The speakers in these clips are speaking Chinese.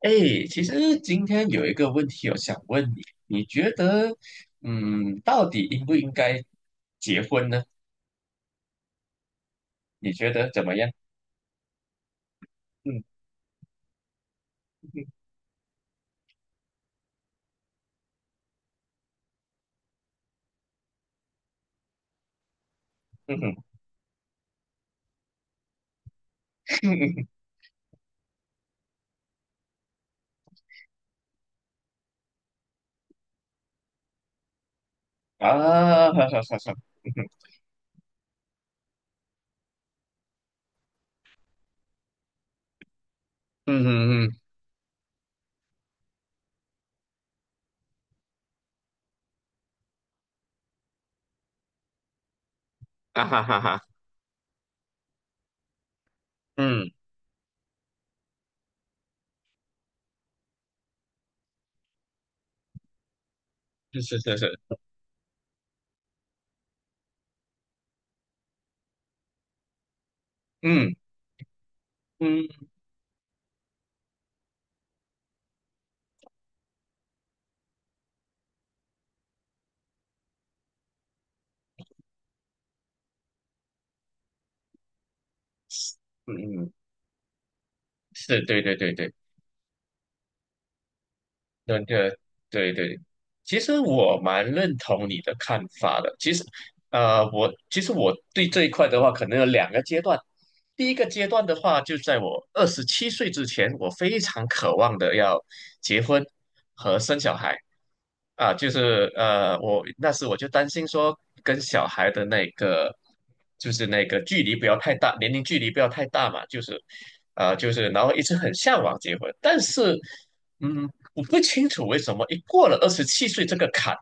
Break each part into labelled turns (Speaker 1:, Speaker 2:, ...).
Speaker 1: 哎，其实今天有一个问题，我想问你，你觉得，到底应不应该结婚呢？你觉得怎么样？嗯。嗯哼。嗯哼。啊，哈哈哈哈。嗯哼嗯哼嗯。啊哈哈哈。嗯。是是是。嗯嗯嗯嗯。是对对对对。那个，对对，其实我蛮认同你的看法的。其实，我对这一块的话，可能有两个阶段。第一个阶段的话，就在我二十七岁之前，我非常渴望的要结婚和生小孩。啊，我那时就担心说，跟小孩的那个距离不要太大，年龄距离不要太大嘛，就是然后一直很向往结婚，但是。嗯，我不清楚为什么一过了二十七岁这个坎，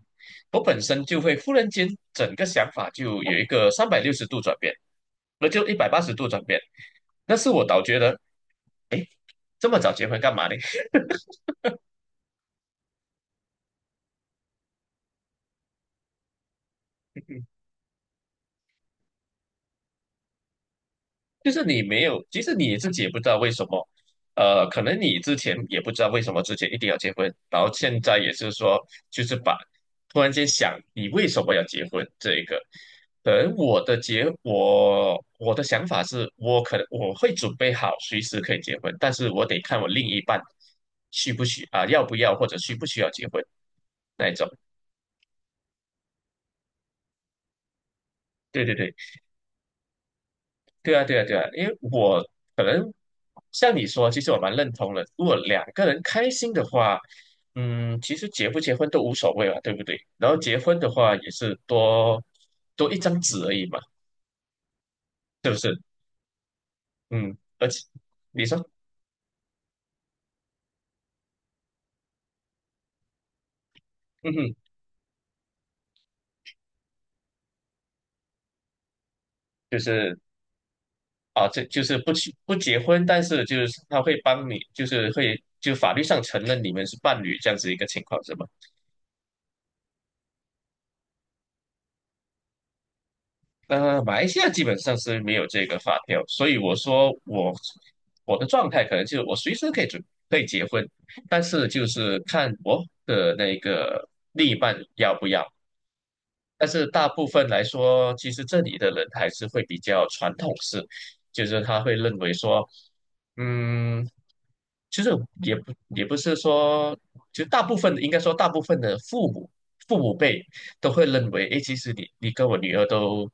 Speaker 1: 我本身就会忽然间整个想法就有一个360度转变，那就180度转变。那是我倒觉得这么早结婚干嘛呢？就是你没有，其实你自己也不知道为什么，可能你之前也不知道为什么之前一定要结婚，然后现在也是说，就是把突然间想你为什么要结婚这一个，可能我的结我的想法是我可能我会准备好随时可以结婚，但是我得看我另一半需不需啊、要不要或者需不需要结婚那一种。对对对。对啊，对啊，对啊，因为我可能像你说，其实我蛮认同的。如果两个人开心的话，嗯，其实结不结婚都无所谓嘛，对不对？然后结婚的话也是多一张纸而已嘛，是不是？嗯，而且你说，嗯哼，就是。啊，这就是不去不结婚，但是就是他会帮你，就是会就法律上承认你们是伴侣这样子一个情况，是吗？马来西亚基本上是没有这个法条，所以我说我的状态可能就是我随时可以准可以结婚，但是就是看我的那个另一半要不要。但是大部分来说，其实这里的人还是会比较传统式，就是他会认为说，嗯，其实也不是说，就大部分应该说大部分的父母辈都会认为，诶，其实你跟我女儿都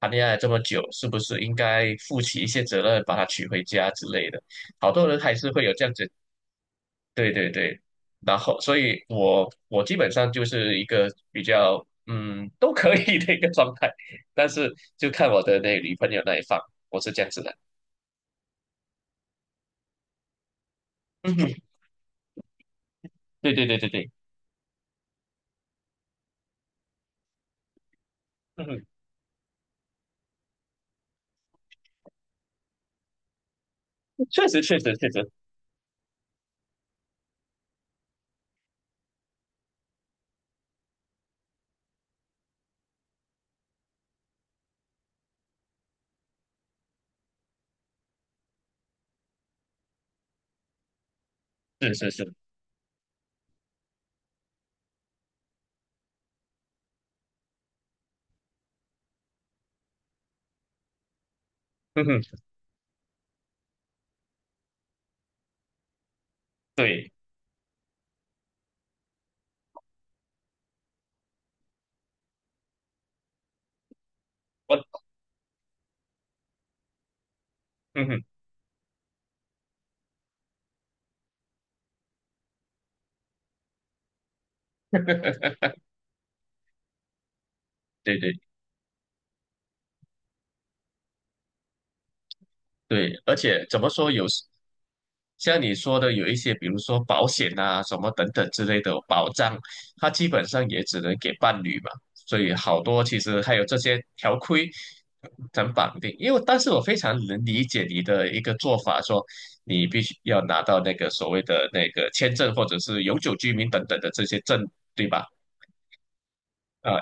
Speaker 1: 谈恋爱这么久，是不是应该负起一些责任，把她娶回家之类的？好多人还是会有这样子。对对对，然后所以我基本上就是一个比较都可以的一个状态，但是就看我的那女朋友那一方，我是这样子的。嗯哼。对对对对对。嗯哼。确实确实确实。是是是。嗯哼。对。我。嗯哼。对对对，而且怎么说有时像你说的，有一些，比如说保险啊、什么等等之类的保障，它基本上也只能给伴侣嘛。所以好多其实还有这些条规咱绑定。因为，但是我非常能理解你的一个做法，说你必须要拿到那个所谓的那个签证或者是永久居民等等的这些证，对吧？啊，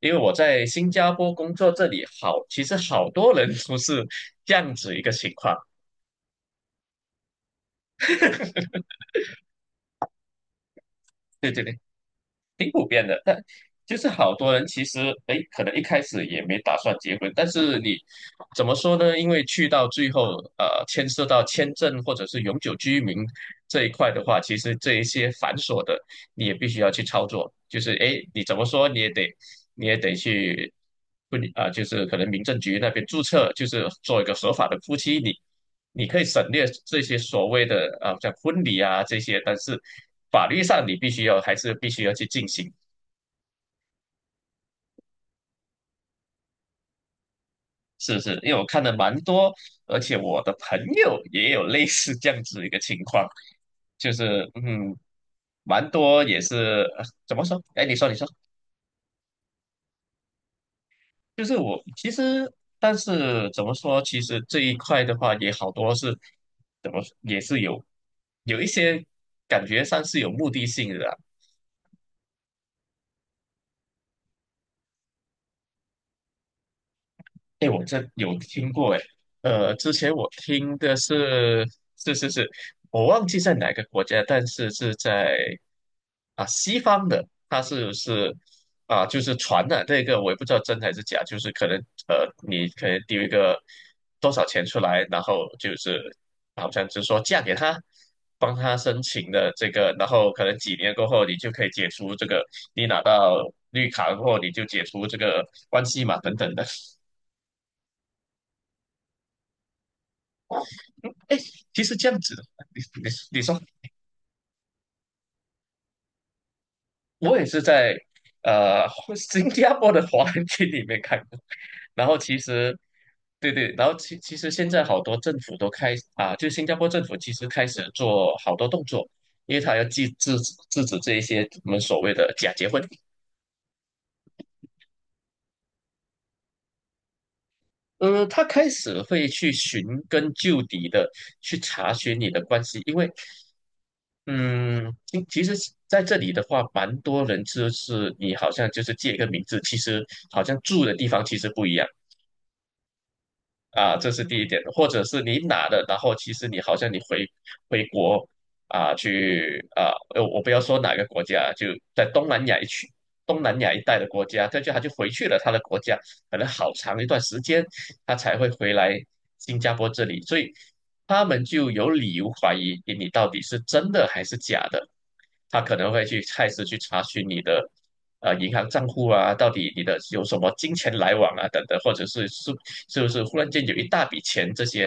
Speaker 1: 因为我在新加坡工作，这里好，其实好多人都是这样子一个情况。对对对。挺普遍的，但就是好多人其实，哎，可能一开始也没打算结婚，但是你怎么说呢？因为去到最后，牵涉到签证或者是永久居民这一块的话，其实这一些繁琐的，你也必须要去操作。就是哎，诶你怎么说你也得去不啊、就是可能民政局那边注册，就是做一个合法的夫妻，你可以省略这些所谓的像婚礼啊这些，但是法律上你必须要还是必须要去进行。是是，因为我看的蛮多，而且我的朋友也有类似这样子一个情况，就是嗯，蛮多也是呃怎么说？哎，你说你说。就是我其实，但是怎么说？其实这一块的话，也好多是怎么说也是有一些感觉上是有目的性的啊。哎，我这有听过哎，之前我听的是。是是是，我忘记在哪个国家，但是是在啊西方的，它是啊就是传的这个，我也不知道真还是假，就是可能你可能丢一个多少钱出来，然后就是好像就是说嫁给他，帮他申请的这个，然后可能几年过后你就可以解除这个，你拿到绿卡过后你就解除这个关系嘛等等的。哎，其实这样子的，你你你说，我也是在呃 新加坡的华人区里面看过，然后其实对对，然后其实现在好多政府都开啊，就新加坡政府其实开始做好多动作，因为他要制止这一些我们所谓的假结婚。他开始会去寻根究底的去查询你的关系，因为，嗯，其实在这里的话，蛮多人就是你好像就是借一个名字，其实好像住的地方其实不一样。啊，这是第一点，或者是你拿的，然后其实你好像你回国。啊，去啊，我不要说哪个国家，就在东南亚一带的国家，他就回去了他的国家，可能好长一段时间，他才会回来新加坡这里，所以他们就有理由怀疑诶你到底是真的还是假的，他可能会去开始去查询你的。银行账户啊，到底你的有什么金钱来往啊，等等，或者是是不是忽然间有一大笔钱这些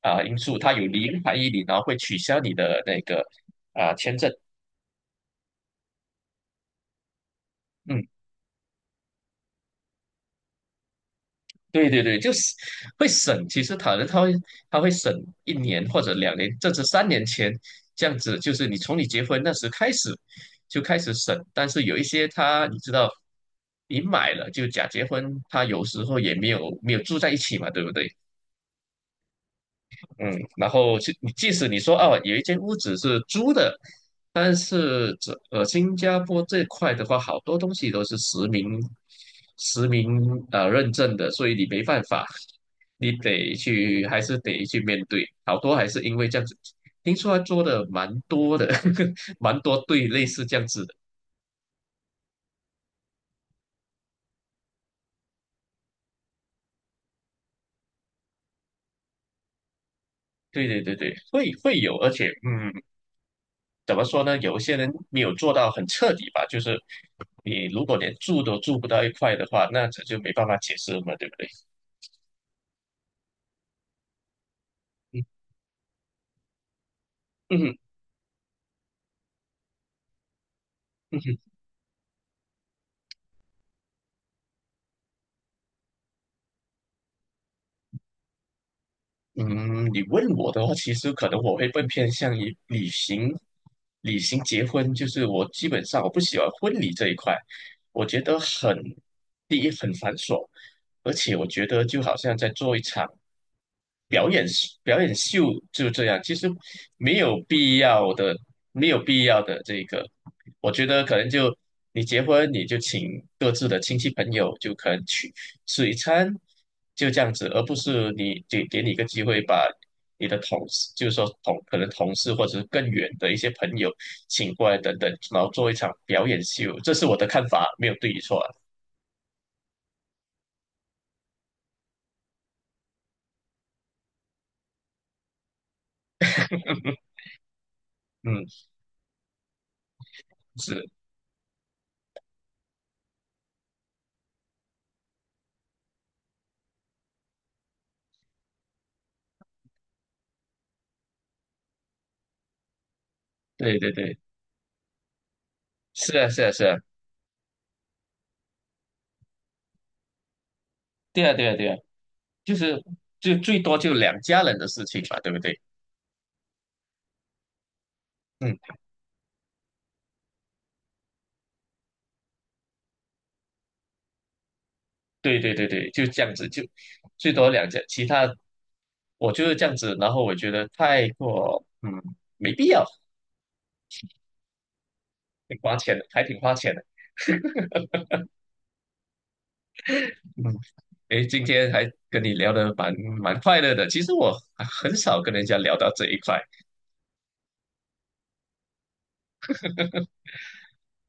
Speaker 1: 因素，它有零还一零，然后会取消你的那个签证。嗯，对对对，就是会省。其实可能他会省一年或者两年，甚至三年前这样子，就是你从你结婚那时开始就开始省。但是有一些他你知道，你买了就假结婚，他有时候也没有住在一起嘛，对不对？嗯，然后即使你说哦，有一间屋子是租的，但是这新加坡这块的话，好多东西都是实名认证的，所以你没办法，你还是得去面对，好多还是因为这样子，听说他做的蛮多的，蛮多对类似这样子的。对对对对，会会有，而且嗯。怎么说呢？有一些人没有做到很彻底吧，就是你如果连住都住不到一块的话，那这就没办法解释了嘛，对不对？嗯嗯嗯嗯。你问我的话，其实可能我会更偏向于旅行结婚，就是我基本上我不喜欢婚礼这一块，我觉得很，第一很繁琐，而且我觉得就好像在做一场表演表演秀，就这样，其实没有必要的，没有必要的这个，我觉得可能就你结婚你就请各自的亲戚朋友，就可能去吃一餐，就这样子，而不是给你一个机会把你的同事，就是说同可能同事或者是更远的一些朋友请过来等等，然后做一场表演秀，这是我的看法，没有对与错啊。嗯，是。对对对。是啊是啊是啊。对啊对啊对啊。就是就最多就两家人的事情嘛，对不对？嗯，对对对对，就这样子，就最多两家，其他我就是这样子，然后我觉得太过没必要。挺花钱的，还挺花钱的。嗯，诶，今天还跟你聊得蛮快乐的。其实我很少跟人家聊到这一块。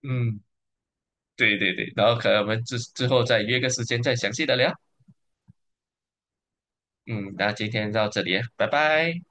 Speaker 1: 嗯，对对对，然后可能我们之后再约个时间再详细的聊。嗯，那今天到这里啊，拜拜。